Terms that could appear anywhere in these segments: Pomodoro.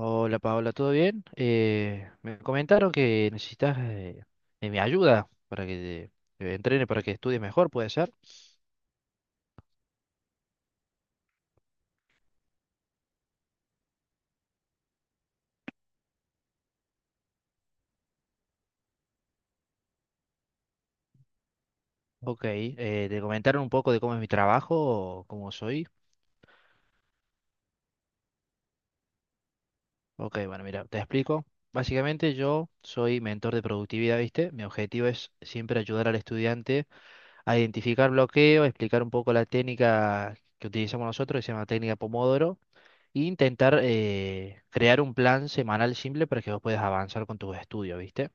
Hola Paola, ¿todo bien? Me comentaron que necesitas de mi ayuda para que te entrene, para que estudies mejor, ¿puede ser? Ok, ¿te comentaron un poco de cómo es mi trabajo o cómo soy? Ok, bueno, mira, te explico. Básicamente yo soy mentor de productividad, ¿viste? Mi objetivo es siempre ayudar al estudiante a identificar bloqueos, explicar un poco la técnica que utilizamos nosotros, que se llama técnica Pomodoro, e intentar crear un plan semanal simple para que vos puedas avanzar con tus estudios, ¿viste?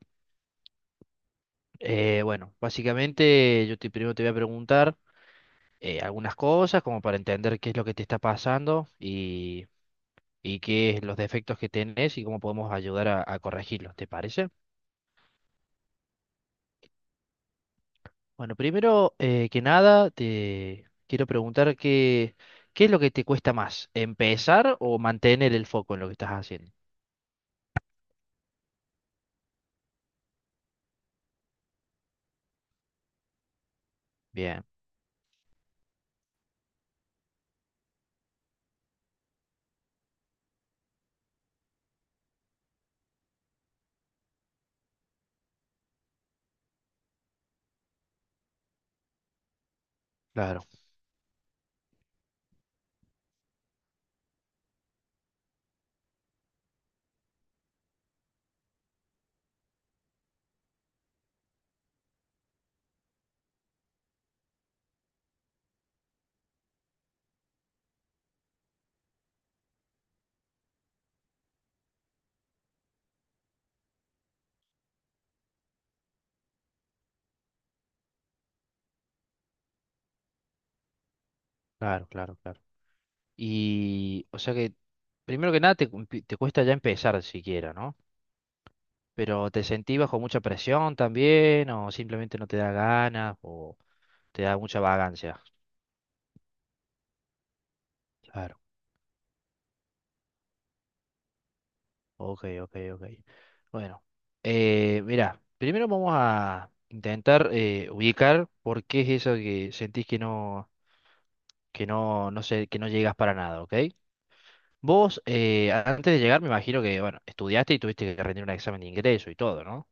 Bueno, básicamente primero te voy a preguntar algunas cosas como para entender qué es lo que te está pasando y qué es los defectos que tenés y cómo podemos ayudar a corregirlos, ¿te parece? Bueno, primero que nada te quiero preguntar qué es lo que te cuesta más, empezar o mantener el foco en lo que estás haciendo. Bien, claro, claro, claro, claro. Y o sea que primero que nada te cuesta ya empezar siquiera, ¿no? Pero ¿te sentís bajo mucha presión también o simplemente no te da ganas o te da mucha vagancia? Claro, ok, ok, ok. Bueno, mira, primero vamos a intentar ubicar por qué es eso que sentís que no, no sé, que no llegas para nada, ¿ok? Vos, antes de llegar, me imagino que, bueno, estudiaste y tuviste que rendir un examen de ingreso y todo, ¿no?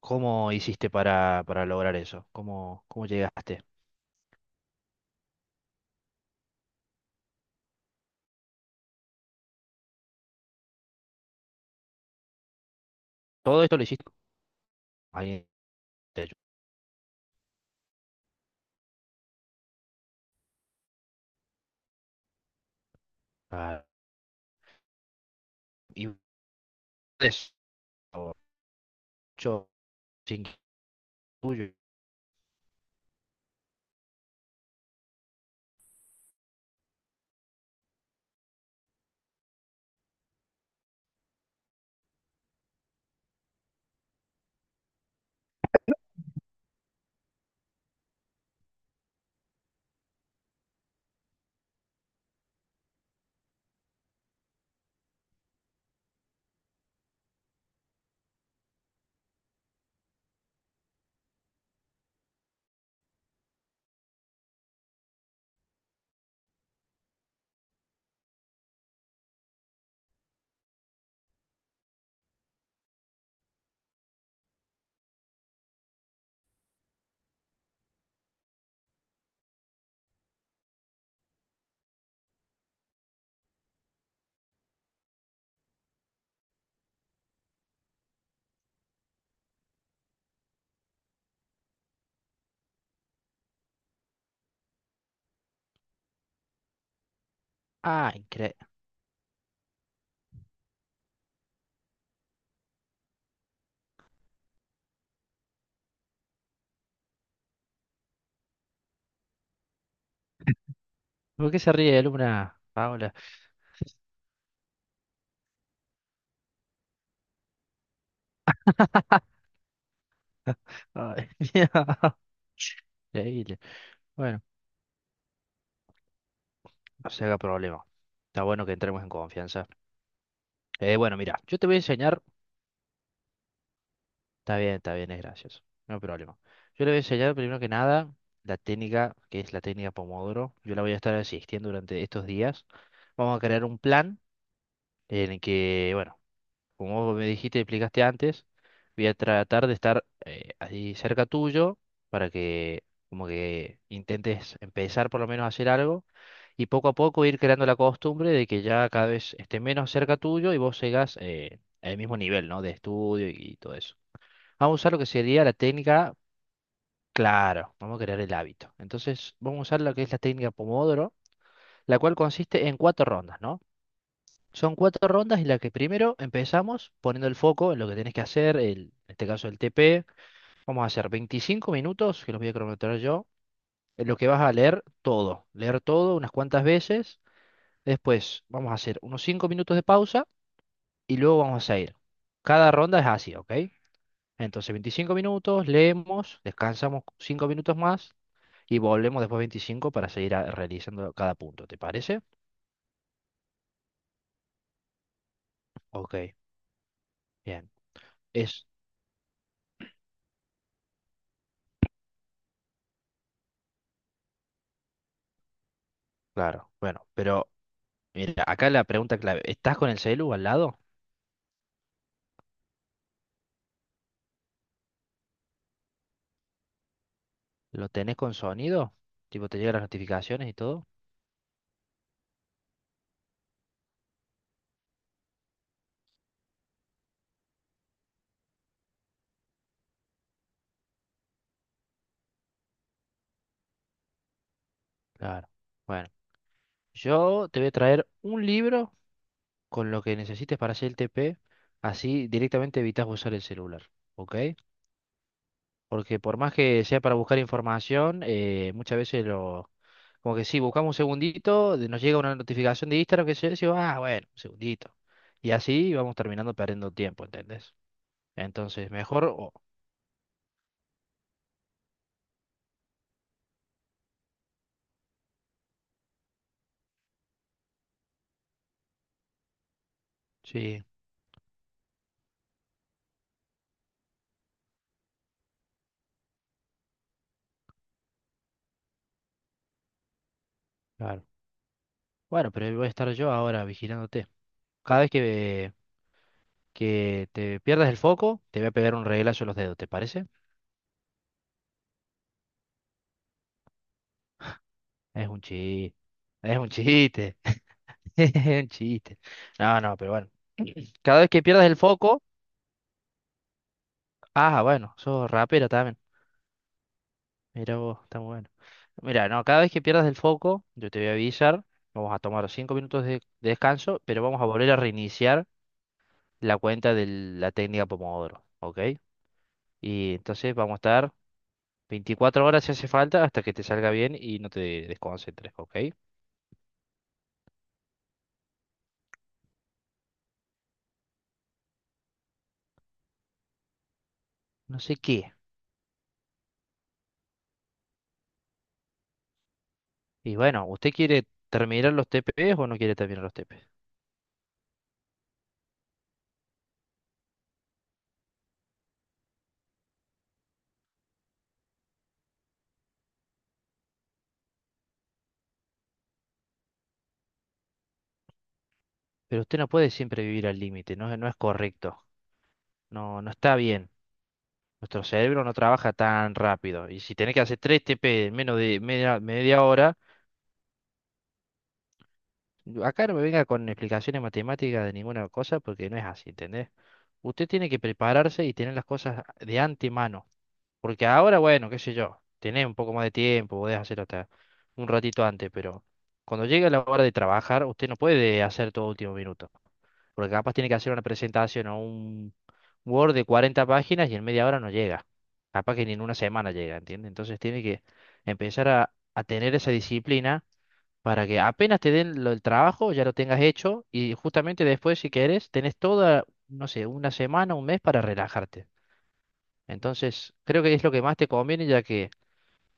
¿Cómo hiciste para lograr eso? Cómo llegaste? Todo esto lo hiciste. ¿Alguien te ayudó? Y eso, yo sin tuyo. Ah, increíble. ¿Por qué se ríe Luna, Paola? Ay, increíble. Bueno, no se haga problema. Está bueno que entremos en confianza. Bueno, mira, yo te voy a enseñar. Está bien, es gracioso. No hay problema. Yo le voy a enseñar primero que nada la técnica, que es la técnica Pomodoro. Yo la voy a estar asistiendo durante estos días. Vamos a crear un plan en el que, bueno, como vos me dijiste y explicaste antes, voy a tratar de estar ahí cerca tuyo para que como que intentes empezar por lo menos a hacer algo y poco a poco ir creando la costumbre de que ya cada vez esté menos cerca tuyo y vos sigas al mismo nivel, ¿no? De estudio y todo eso. Vamos a usar lo que sería la técnica, claro, vamos a crear el hábito. Entonces, vamos a usar lo que es la técnica Pomodoro, la cual consiste en cuatro rondas, ¿no? Son cuatro rondas en las que primero empezamos poniendo el foco en lo que tenés que hacer, en este caso el TP. Vamos a hacer 25 minutos, que los voy a cronometrar yo, en lo que vas a leer todo. Leer todo unas cuantas veces. Después vamos a hacer unos 5 minutos de pausa y luego vamos a ir. Cada ronda es así, ¿ok? Entonces 25 minutos, leemos, descansamos 5 minutos más y volvemos después 25 para seguir realizando cada punto. ¿Te parece? Ok, bien. Es claro. Bueno, pero... Mira, acá la pregunta clave. ¿Estás con el celu al lado? ¿Lo tenés con sonido? Tipo, te llegan las notificaciones y todo. Claro. Bueno, yo te voy a traer un libro con lo que necesites para hacer el TP. Así directamente evitas usar el celular. ¿Ok? Porque por más que sea para buscar información, muchas veces lo... Como que sí, buscamos un segundito, nos llega una notificación de Instagram que se dice, ah, bueno, un segundito. Y así vamos terminando perdiendo tiempo, ¿entendés? Entonces, mejor... sí. Claro. Bueno, pero ahí voy a estar yo ahora vigilándote. Cada vez que te pierdas el foco, te voy a pegar un reglazo en los dedos, ¿te parece? Es un chiste. Es un chiste. Es un chiste. No, no, pero bueno. Cada vez que pierdas el foco. Ah, bueno, sos rapera también. Mira vos, está muy bueno. Mira, no, cada vez que pierdas el foco, yo te voy a avisar. Vamos a tomar cinco minutos de descanso, pero vamos a volver a reiniciar la cuenta de la técnica Pomodoro, ¿ok? Y entonces vamos a estar 24 horas si hace falta hasta que te salga bien y no te desconcentres, ¿ok? No sé qué. Y bueno, ¿usted quiere terminar los TPs o no quiere terminar los TPs? Pero usted no puede siempre vivir al límite, no, no es correcto. No, no está bien. Nuestro cerebro no trabaja tan rápido. Y si tenés que hacer 3 TP en menos de media hora, acá no me venga con explicaciones matemáticas de ninguna cosa porque no es así, ¿entendés? Usted tiene que prepararse y tener las cosas de antemano. Porque ahora, bueno, qué sé yo, tenés un poco más de tiempo, podés hacerlo hasta un ratito antes, pero cuando llegue la hora de trabajar, usted no puede hacer todo último minuto. Porque capaz tiene que hacer una presentación o un Word de 40 páginas y en media hora no llega. Capaz que ni en una semana llega, ¿entiendes? Entonces tiene que empezar a tener esa disciplina para que apenas te den el trabajo, ya lo tengas hecho y justamente después, si querés, tenés toda, no sé, una semana, un mes para relajarte. Entonces, creo que es lo que más te conviene, ya que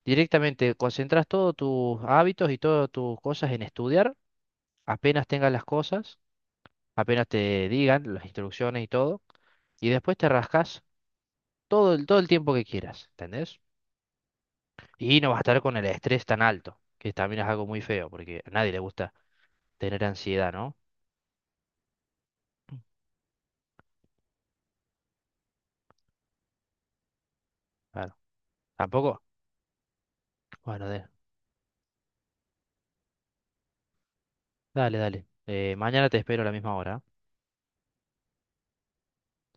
directamente concentras todos tus hábitos y todas tus cosas en estudiar, apenas tengas las cosas, apenas te digan las instrucciones y todo, y después te rascas todo el tiempo que quieras, ¿entendés? Y no vas a estar con el estrés tan alto, que también es algo muy feo, porque a nadie le gusta tener ansiedad, ¿no? Claro. ¿Tampoco? Bueno, dale, dale. Mañana te espero a la misma hora. ¿Ah?